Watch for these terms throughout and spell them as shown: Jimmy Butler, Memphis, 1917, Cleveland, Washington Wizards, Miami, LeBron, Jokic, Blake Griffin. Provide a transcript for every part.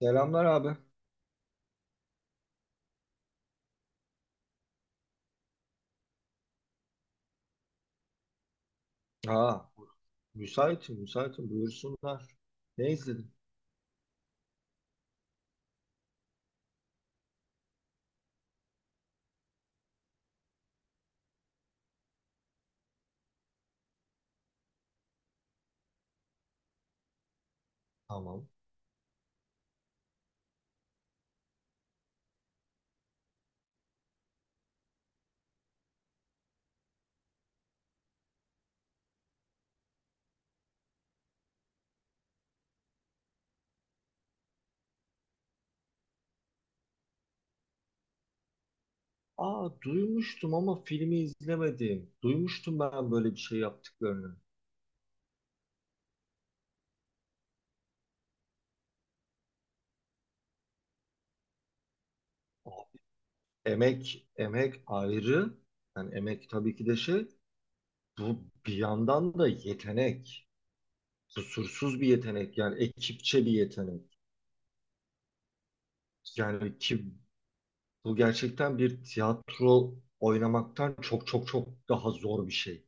Selamlar abi. Ha, müsaitim, müsaitim. Buyursunlar. Ne izledin? Tamam. Aa, duymuştum ama filmi izlemedim. Duymuştum ben böyle bir şey yaptıklarını. Oh, emek, emek ayrı. Yani emek tabii ki de şey. Bu bir yandan da yetenek. Kusursuz bir yetenek. Yani ekipçe bir yetenek. Yani ki bu gerçekten bir tiyatro oynamaktan çok çok çok daha zor bir şey.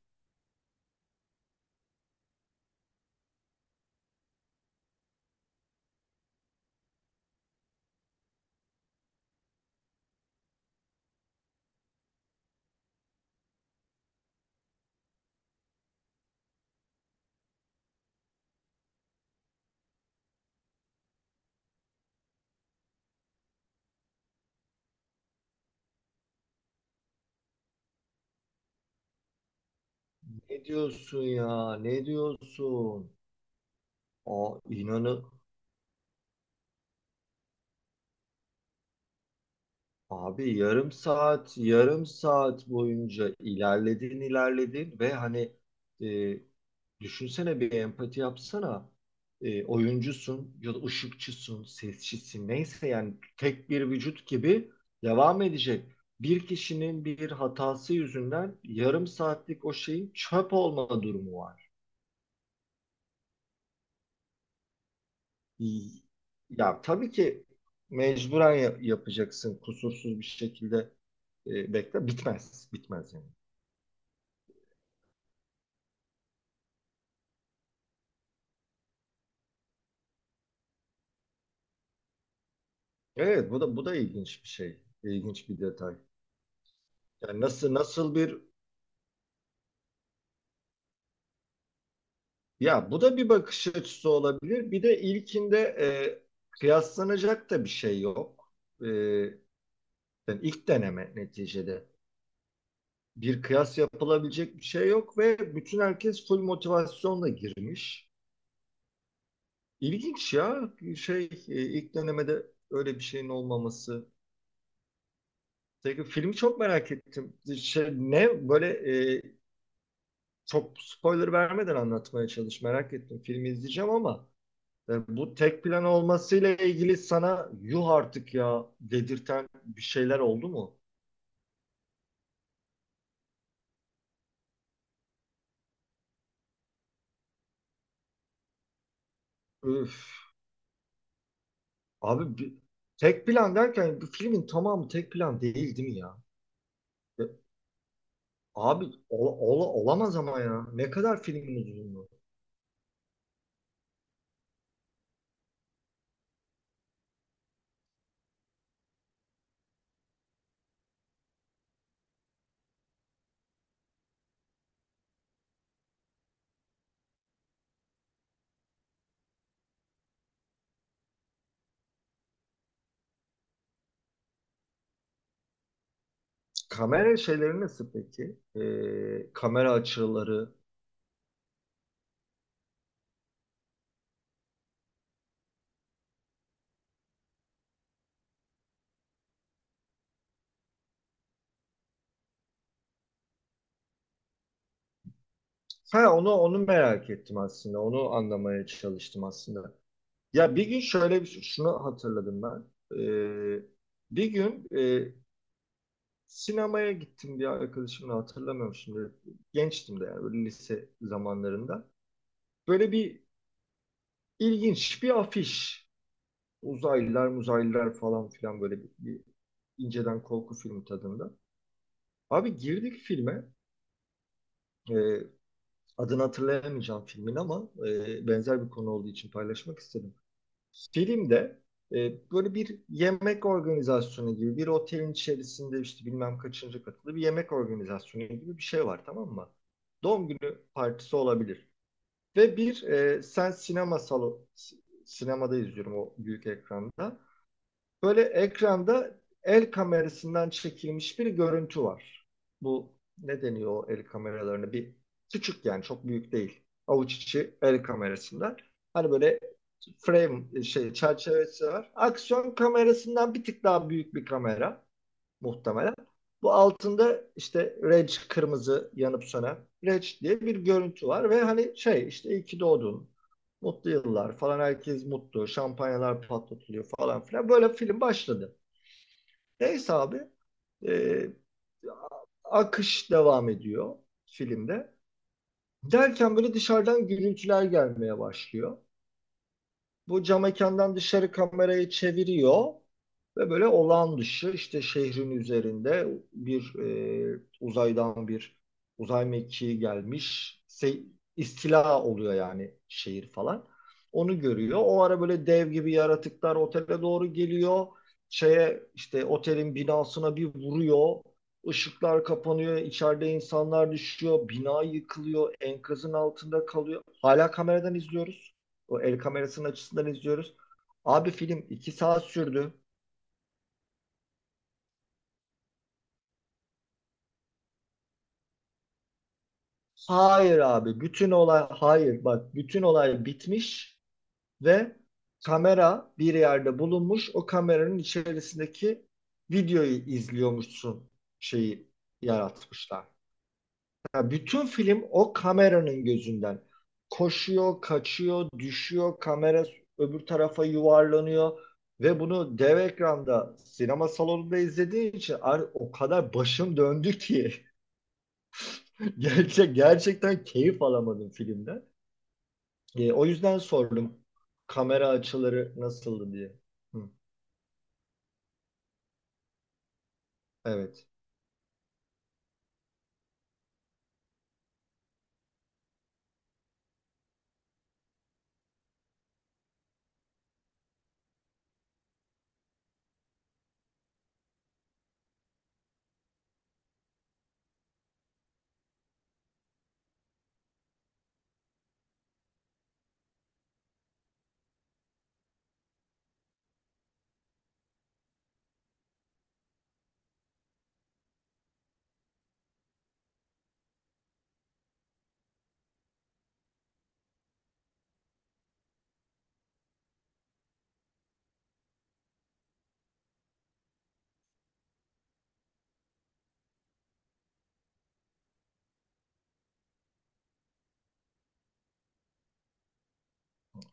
Ne diyorsun ya? Ne diyorsun? O inanı abi, yarım saat yarım saat boyunca ilerledin ilerledin ve hani e, düşünsene, bir empati yapsana. Oyuncusun ya da ışıkçısın, sesçisin, neyse, yani tek bir vücut gibi devam edecek. Bir kişinin bir hatası yüzünden yarım saatlik o şeyin çöp olma durumu var. Ya tabii ki mecburen yapacaksın kusursuz bir şekilde, bekle, bitmez bitmez yani. Evet, bu da ilginç bir şey. İlginç bir detay. Yani nasıl bir, ya bu da bir bakış açısı olabilir. Bir de ilkinde kıyaslanacak da bir şey yok. E, yani ilk deneme neticede. Bir kıyas yapılabilecek bir şey yok ve bütün herkes full motivasyonla girmiş. İlginç ya. Şey e, ilk dönemede öyle bir şeyin olmaması. Peki, filmi çok merak ettim. E, çok spoiler vermeden anlatmaya çalış. Merak ettim. Filmi izleyeceğim, ama bu tek plan olmasıyla ilgili sana yuh artık ya dedirten bir şeyler oldu mu? Öf. Abi bir- tek plan derken bir filmin tamamı tek plan değil, değil mi ya? E, olamaz ama ya. Ne kadar filmin uzunluğu? Kamera şeyleri nasıl peki? Kamera açıları. Ha, onu merak ettim aslında. Onu anlamaya çalıştım aslında. Ya, bir gün şöyle bir şey, şunu hatırladım ben. Ee, bir gün sinemaya gittim bir arkadaşımla, hatırlamıyorum şimdi. Gençtim de yani, böyle lise zamanlarında. Böyle bir ilginç bir afiş. Uzaylılar, muzaylılar falan filan, böyle bir inceden korku filmi tadında. Abi, girdik filme. Ee, adını hatırlayamayacağım filmin, ama benzer bir konu olduğu için paylaşmak istedim. Filmde böyle bir yemek organizasyonu gibi, bir otelin içerisinde işte bilmem kaçıncı katılı bir yemek organizasyonu gibi bir şey var, tamam mı? Doğum günü partisi olabilir. Ve bir sen sinema salonu sinemada izliyorum, o büyük ekranda. Böyle, ekranda el kamerasından çekilmiş bir görüntü var. Bu ne deniyor o el kameralarını? Bir küçük, yani çok büyük değil. Avuç içi el kamerasından. Hani böyle frame, şey, çerçevesi var. Aksiyon kamerasından bir tık daha büyük bir kamera, muhtemelen. Bu altında işte Reg, kırmızı yanıp sönen Reg diye bir görüntü var ve hani şey işte, iyi ki doğdun. Mutlu yıllar falan, herkes mutlu. Şampanyalar patlatılıyor falan filan. Böyle film başladı. Neyse abi, e, akış devam ediyor filmde. Derken böyle dışarıdan gürültüler gelmeye başlıyor. Bu, cam mekandan dışarı kamerayı çeviriyor ve böyle olağan dışı, işte şehrin üzerinde bir, uzaydan bir uzay mekiği gelmiş. İstila oluyor yani, şehir falan. Onu görüyor. O ara böyle dev gibi yaratıklar otele doğru geliyor. Şeye, işte otelin binasına bir vuruyor. Işıklar kapanıyor, içeride insanlar düşüyor, bina yıkılıyor, enkazın altında kalıyor. Hala kameradan izliyoruz. O el kamerasının açısından izliyoruz. Abi, film iki saat sürdü. Hayır abi, bütün olay, hayır bak, bütün olay bitmiş ve kamera bir yerde bulunmuş. O kameranın içerisindeki videoyu izliyormuşsun, şeyi yaratmışlar. Ya, bütün film o kameranın gözünden. Koşuyor, kaçıyor, düşüyor, kamera öbür tarafa yuvarlanıyor ve bunu dev ekranda, sinema salonunda izlediğin için, o kadar başım döndü ki gerçekten keyif alamadım filmden. O yüzden sordum, kamera açıları nasıldı diye. Hı, evet.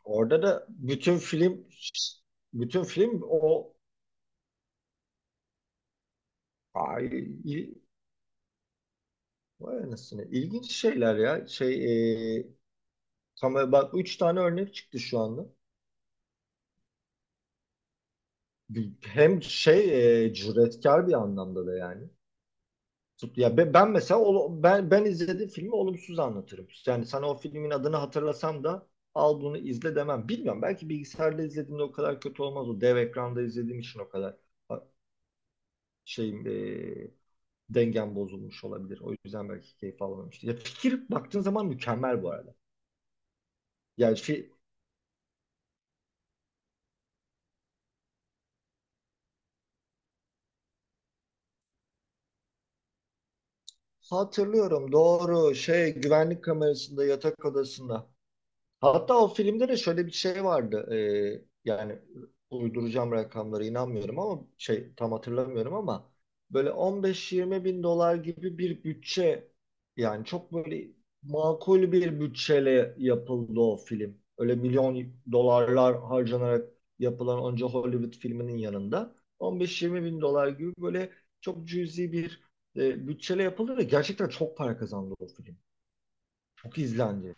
Orada da bütün film o, ay, vay anasını. İlginç şeyler ya. Kamera, bak, üç tane örnek çıktı şu anda. Hem cüretkar bir anlamda da yani. Ben mesela ben izlediğim filmi olumsuz anlatırım. Yani sana o filmin adını hatırlasam da "al bunu izle" demem. Bilmiyorum, belki bilgisayarda izlediğimde o kadar kötü olmaz. O dev ekranda izlediğim için o kadar, ha, şeyim, dengem bozulmuş olabilir. O yüzden belki keyif alamamıştım. Ya, fikir baktığın zaman mükemmel bu arada. Yani fi- Hatırlıyorum, doğru, şey, güvenlik kamerasında, yatak odasında. Hatta o filmde de şöyle bir şey vardı. Yani uyduracağım rakamlara inanmıyorum, ama şey, tam hatırlamıyorum, ama böyle 15-20 bin dolar gibi bir bütçe, yani çok böyle makul bir bütçeyle yapıldı o film. Öyle milyon dolarlar harcanarak yapılan onca Hollywood filminin yanında, 15-20 bin dolar gibi böyle çok cüzi bir bütçeyle yapıldı ve gerçekten çok para kazandı o film. Çok izlendi.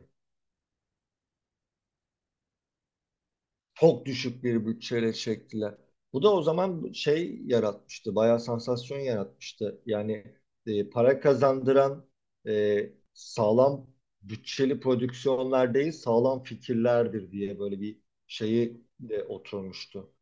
Çok düşük bir bütçeyle çektiler. Bu da o zaman şey yaratmıştı, bayağı sansasyon yaratmıştı. Yani para kazandıran sağlam bütçeli prodüksiyonlar değil, sağlam fikirlerdir diye böyle bir şeyi de oturmuştu.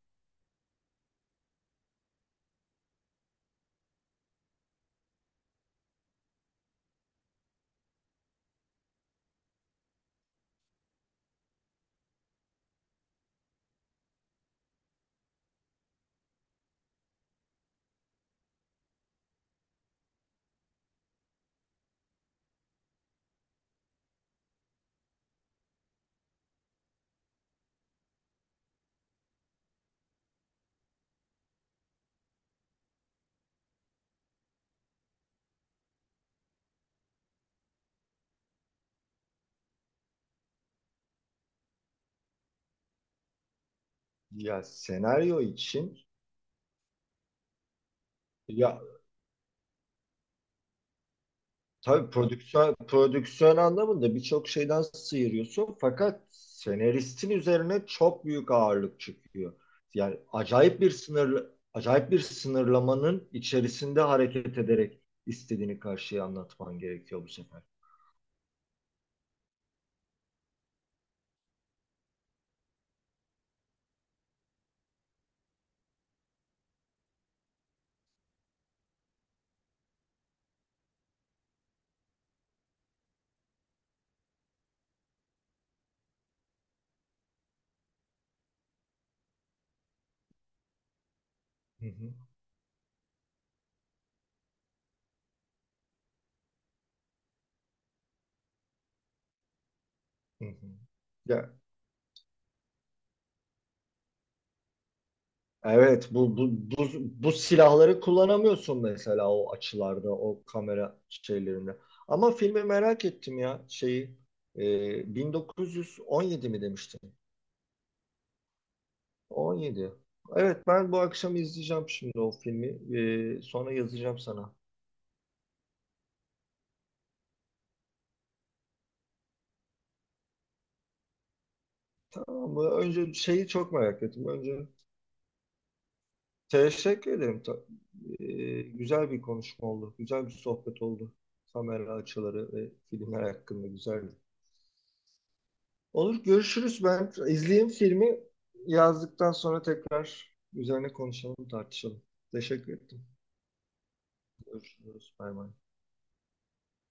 Ya, senaryo için ya, tabii prodüksiyon, prodüksiyon anlamında birçok şeyden sıyırıyorsun, fakat senaristin üzerine çok büyük ağırlık çıkıyor. Yani acayip bir sınır, acayip bir sınırlamanın içerisinde hareket ederek istediğini karşıya anlatman gerekiyor bu sefer. Hı hı, hı hı. Ya, evet, bu silahları kullanamıyorsun mesela o açılarda, o kamera şeylerinde. Ama filmi merak ettim ya, şeyi. 1917 mi demiştin? 17. Evet, ben bu akşam izleyeceğim şimdi o filmi. Sonra yazacağım sana. Tamam mı? Önce şeyi çok merak ettim. Önce teşekkür ederim. Güzel bir konuşma oldu. Güzel bir sohbet oldu. Kamera açıları ve filmler hakkında güzeldi. Olur, görüşürüz. Ben izleyeyim filmi. Yazdıktan sonra tekrar üzerine konuşalım, tartışalım. Teşekkür ettim. Görüşürüz. Bay bay.